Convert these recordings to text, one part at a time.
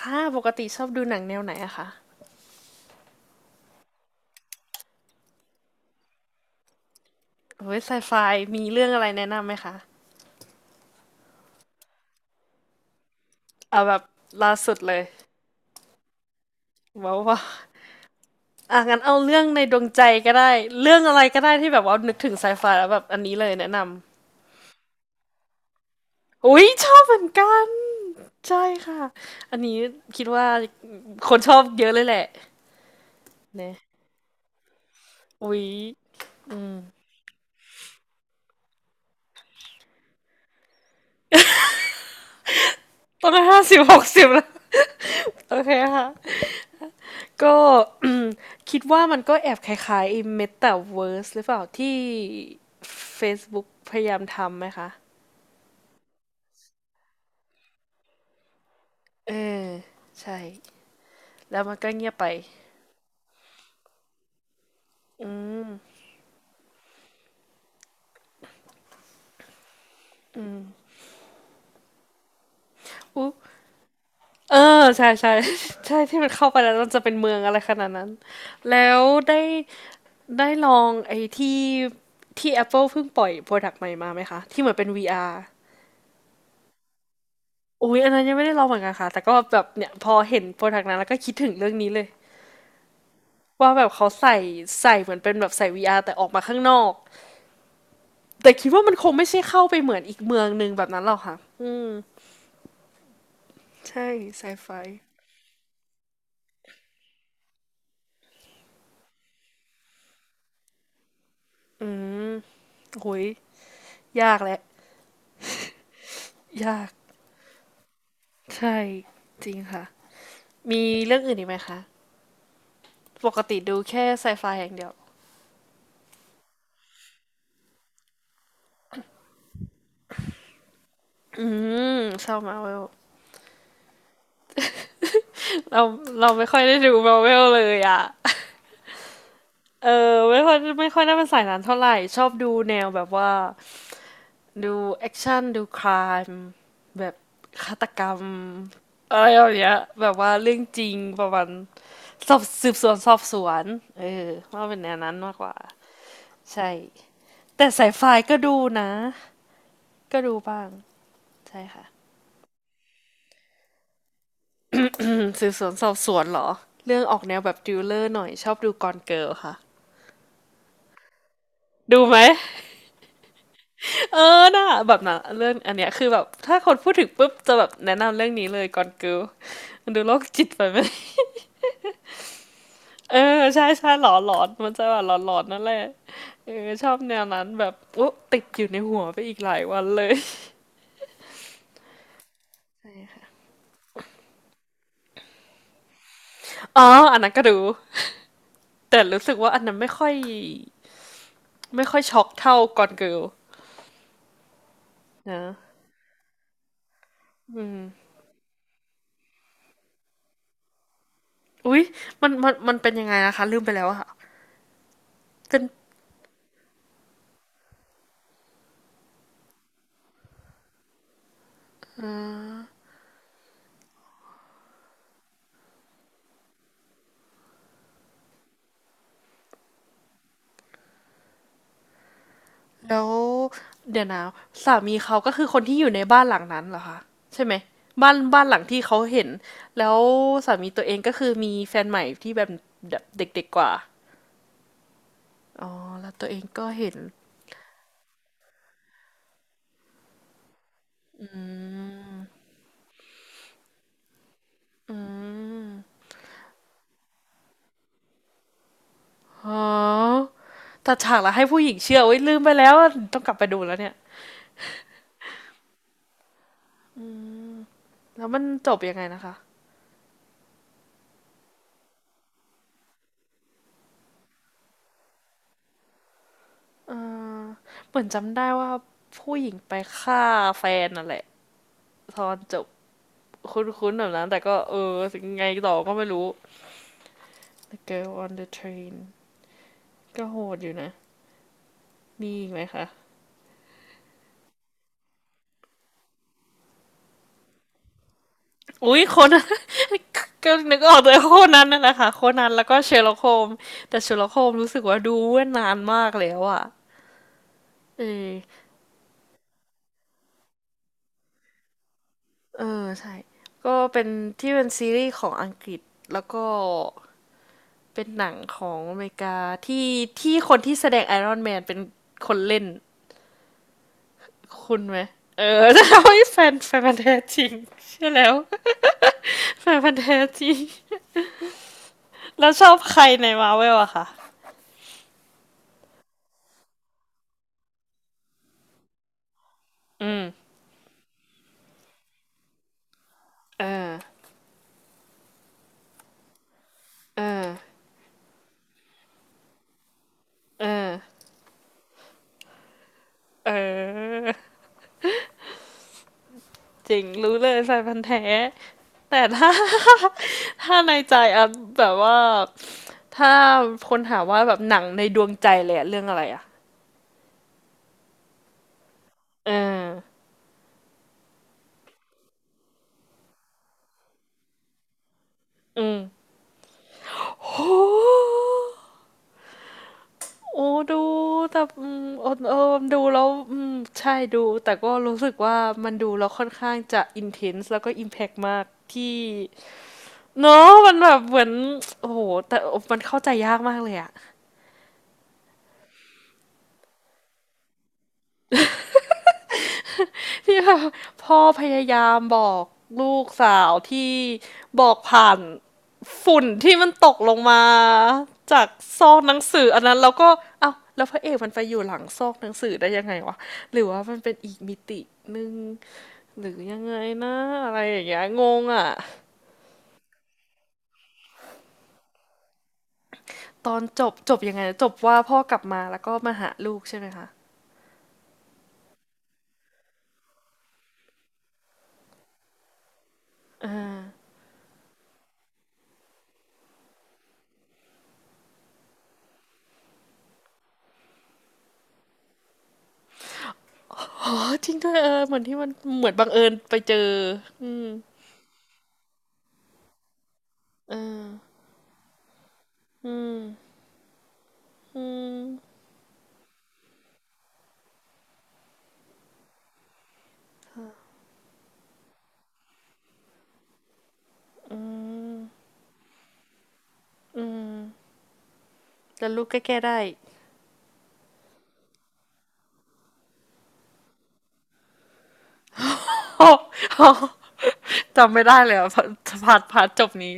ค่ะปกติชอบดูหนังแนวไหนอะคะเฮ้ยไซไฟมีเรื่องอะไรแนะนำไหมคะเอาแบบล่าสุดเลยว้าวาอ่ะงั้นเอาเรื่องในดวงใจก็ได้เรื่องอะไรก็ได้ที่แบบว่านึกถึงไซไฟแล้วแบบอันนี้เลยแนะนำอุ้ยชอบเหมือนกันใช่ค่ะอันนี้คิดว่าคนชอบเยอะเลยแหละเนี่ยอุ้ยอืมตอนนั้นห้าสิบหกสิบแล้วโอเคค่ะ ก็ คิดว่ามันก็แอบคล้ายๆไอ้ Metaverse หรือเปล่าที่ Facebook พยายามทำไหมคะเออใช่แล้วมันก็เงียบไปอุ๊เออใช่ใช่ ใช่ที่มันเข้าไปแล้วมันจะเป็นเมืองอะไรขนาดนั้นแล้วได้ลองไอ้ที่Apple เพิ่งปล่อยโปรดักต์ใหม่มาไหมคะที่เหมือนเป็น VR อาร์อุ้ยอันนั้นยังไม่ได้ลองเหมือนกันค่ะแต่ก็แบบเนี่ยพอเห็นโปรดักต์นั้นแล้วก็คิดถึงเรื่องนี้เลย ว่าแบบเขาใส่เหมือนเป็นแบบใส่ VR แต่ออกมาข้างนอกแต่คิดว่ามันคงไม่ใช่เข้าไปเหมือนอีกเมืองหนึ่งแบบนั้นหรอกค่ะอืมใช่ไซไฟโอ้ยยากแหละยากใช่จริงค่ะมีเรื่องอื่นอีกไหมคะปกติดูแค่ไซไฟอย่างเดียวอืมชอบมาเวลเราเราไม่ค่อยได้ดูมาเวลเลยอ่ะเออไม่ค่อยได้เป็นสายนั้นเท่าไหร่ชอบดูแนวแบบว่า ดูแอคชั่นดูค i ายแบบฆาตกรรมอะไรแบบเนี้ยแบบว่าเรื่องจริงประมาณสอบสืบสวนสอบสวนเออว่าเป็นแนวนั้นมากกว่าใช่แต่สายไฟก็ดูนะก็ดูบ้างใช่ค่ะอืมสืบสวนสอบสวนเหรอเรื่องออกแนวแบบดิวเลอร์หน่อยชอบดูกอนเกิลค่ะดูไหมเออน่ะแบบน่ะเรื่องอันเนี้ยคือแบบถ้าคนพูดถึงปุ๊บจะแบบแนะนำเรื่องนี้เลยกอนเกิลมันดูโรคจิตไปไหม เออใช่ใช่หลอนมันจะแบบหลอนนั่นแหละเออชอบแนวนั้นแบบอุ๊ติดอยู่ในหัวไปอีกหลายวันเลย อ๋ออันนั้นก็ดูแต่รู้สึกว่าอันนั้นไม่ค่อยช็อกเท่าก่อนเกิลนะอุ๊ยมันมันเป็นยังไงนะคะลืมไปแล้วอะค่ะเป็นแล้วเดี๋ยวนะสามีเขาก็คือคนที่อยู่ในบ้านหลังนั้นเหรอคะใช่ไหมบ้านหลังที่เขาเห็นแล้วสามีตัวเองก็คือมีแฟนใหม่ที่แบบเด็กๆกว่าอ๋อแล้วตัวเองก็เห็น อ๋อตัดฉากแล้วให้ผู้หญิงเชื่อโอยลืมไปแล้วอะต้องกลับไปดูแล้วเนี่ย แล้วมันจบยังไงนะคะ เออเหมือนจำได้ว่าผู้หญิงไปฆ่าแฟนนั่นแหละตอนจบคุ้นๆแบบนั้นแต่ก็เออยังไงต่อก็ไม่รู้ The Girl on the Train ก็โหดอยู่นะมีอีกไหมคะอุ้ยคนนั้น ก็นึกออกเลยโคนนันนั่นแหละค่ะโคนนันแล้วก็เชอร์ล็อกโฮมส์แต่เชอร์ล็อกโฮมส์รู้สึกว่าดูเมื่อนานมากแล้วอะเออ เออใช่ก็เป็นที่เป็นซีรีส์ของอังกฤษแล้วก็เป็นหนังของอเมริกาที่ที่คนที่แสดงไอรอนแมนเป็นคนเล่นคุณไหมเออ จะทำให้แฟนพันธุ์แท้จริงใช่อแล้ว แฟนพันธุ์แท้จริงแล้วชอบใครในมาเวลอะคะอืมเออเออเออเออจริงรู้เลยแฟนพันธุ์แท้แต่ถ้า ถ้าในใจอันแบบว่า ถ้าคนถามว่าแบบหนังในดวงใจเลยอะเรื่องอะไรอะเอออืมโอ้โอ้ดูแต่อืมเออเออดูแล้วอืมใช่ดูแต่ก็รู้สึกว่ามันดูแล้วค่อนข้างจะอินเทนส์แล้วก็อิมแพกมากที่เนาะมันแบบเหมือน โอ้โหแต่มันเข้าใจยากมากเลยอะ ที่แบบพ่อพยายามบอกลูกสาวที่บอกผ่าน ฝุ่นที่มันตกลงมาจากซอกหนังสืออันนั้นแล้วก็เอ้าแล้วพระเอกมันไปอยู่หลังซอกหนังสือได้ยังไงวะหรือว่ามันเป็นอีกมิติหนึ่งหรือยังไงนะอะไรอย่างเงี้ยงงอ่ะตอนจบจบยังไงจบว่าพ่อกลับมาแล้วก็มาหาลูกใช่ไหมคะเออออจริงด้วยเออเหมือนที่มันเหมือนบังเอิญไปเจออืมเอออืมอืมอืมแล้วลูกก็แก้ได้ โจำไม่ได้เลยอะพารพาร์ทจบนี้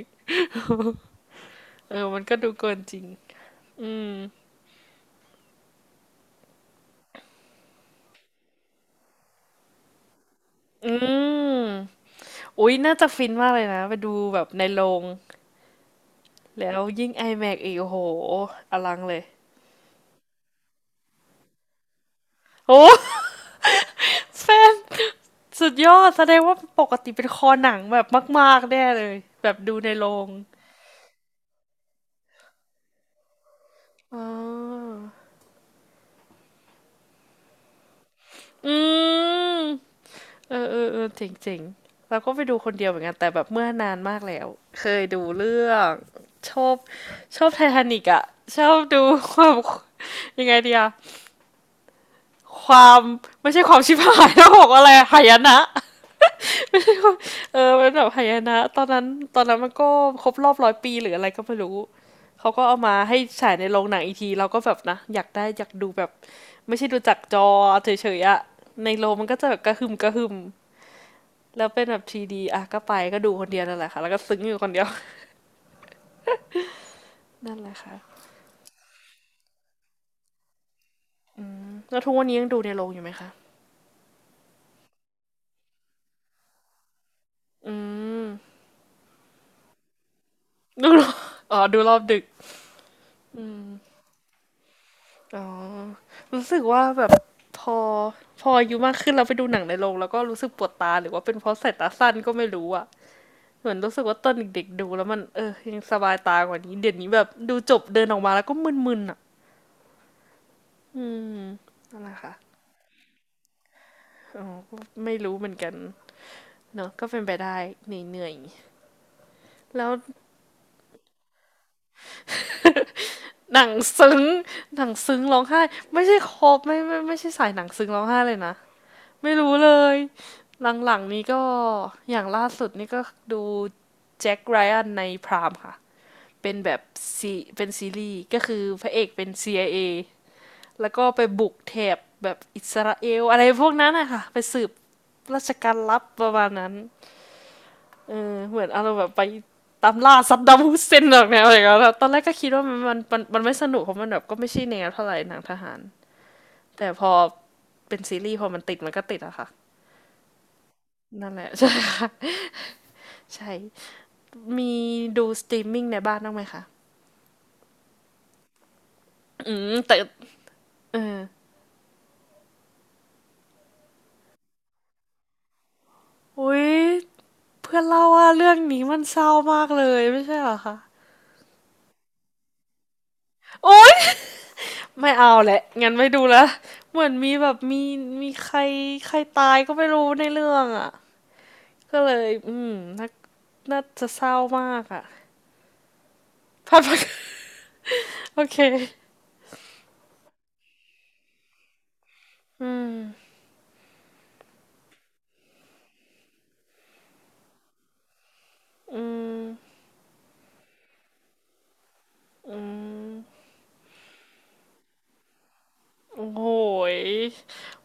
เออมันก็ดูเกินจริง อืมอืมอุ๊ยน่าจะฟินมากเลยนะไปดูแบบในโรงแล้วยิ่ง IMAX อแม็กซ์อีกโอ้โหอลังเลย โอ้ แฟนสุดยอด แสดงว่าปกติเป็นคอหนังแบบมากๆแน่เลย แบบดูในโรงอ๋ออืมเออเออเออเจ๋งเจ๋งเราก็ไปดูคนเดียวเหมือนกันแต่แบบเมื่อนานมากแล้ว เคยดูเรื่องชอบชอบไททานิกอะชอบดูความ ยังไงดีอะ ความไม่ใช่ความชิบหายนะบอกว่าอะไร หายนะเออเป็นแบบหายนะตอนนั้นตอนนั้นมันก็ครบรอบร้อยปีหรืออะไรก็ไม่รู้เขาก็เอามาให้ฉายในโรงหนังอีกทีเราก็แบบนะอยากได้อยากดูแบบไม่ใช่ดูจากจอเฉยๆอะในโรงมันก็จะแบบกระหึ่มกระหึ่มแล้วเป็นแบบ 3D อ่ะก็ไปก็ดูคนเดียวนั่นแหละค่ะแล้วก็ซึ้งอยู่คนเดียว นั่นแหละค่ะแล้วทุกวันนี้ยังดูในโรงอยู่ไหมคะอืม ดูอ๋อดูรอบดึก อ๋อรู้สึกว่าแบบพอพออายุมากขึ้นเราไปดูหนังในโรงแล้วก็รู้สึกปวดตาหรือว่าเป็นเพราะสายตาสั้นก็ไม่รู้อ่ะเหมือนรู้สึกว่าตอนเด็กๆดูแล้วมันเออยังสบายตากว่านี้เดี๋ยวนี้แบบดูจบเดินออกมาแล้วก็มึนๆอ่ะอืมนั่นแหละค่ะอ๋อก็ไม่รู้เหมือนกันเนอะก็เป็นไปได้เหนื่อยๆแล้วหนังซึ้งหนังซึ้งร้องไห้ไม่ใช่ครบไม่ไม่ไม่ใช่สายหนังซึ้งร้องไห้เลยนะ ไม่รู้เลยหลังๆนี้ก็อย่างล่าสุดนี่ก็ดูแจ็คไรอันในพรามค่ะเป็นแบบซีเป็นซีรีส์ก็คือพระเอกเป็น CIA แล้วก็ไปบุกแถบแบบอิสราเอลอะไรพวกนั้นนะคะไปสืบราชการลับประมาณนั้นเออเหมือนเอาเราแบบไปตามล่าซัดดัมฮุสเซนหรอกแนวอะไรกยเ้นตอนแรกก็คิดว่ามันไม่สนุกเพราะมันแบบก็ไม่ใช่แนวเท่าไหร่หนังทหารแต่พอเป็นซีรีส์พอมันติดมันก็ติดอะค่ะนั่นแหละ ใช่ค่ะ ใช่ มีดูสตรีมมิ่งในบ้านบ้างไหมคะ อืม แต่เอออุ๊ย เพื่อนเล่าว่าเรื่องนี้มันเศร้ามากเลย ไม่ใช่เหรอคะโอ๊ย ไม่เอาแหละ งั้นไม่ดูละเหมือนมีแบบมีใครใครตายก็ไม่รู้ในเรื่องอ่ะก็เลย อืมน่าน่าจะเศร้ามากอ่ะ พัดพักโอเค อืม อืมอืม โอ้โหย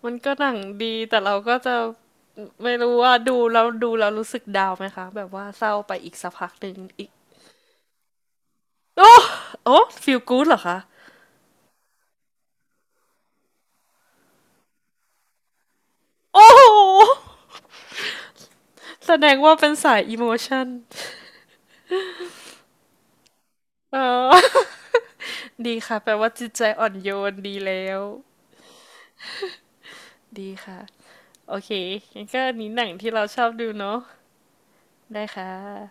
มันก็หนังดีแต่เราก็จะไม่รู้ว่าดูแล้วรู้สึกดาวไหมคะแบบว่าเศร้าไปอีกสักพักหนึ่งอีกโอ้ฟีลกู๊ดเหรอคะโอ้โหแสดงว่าเป็นสายอิโมชันเออ ดีค่ะแปลว่าจิตใจอ่อนโยนดีแล้วดีค่ะโอเคงั้นก็อันนี้หนังที่เราชอบดูเนาะได้ค่ะ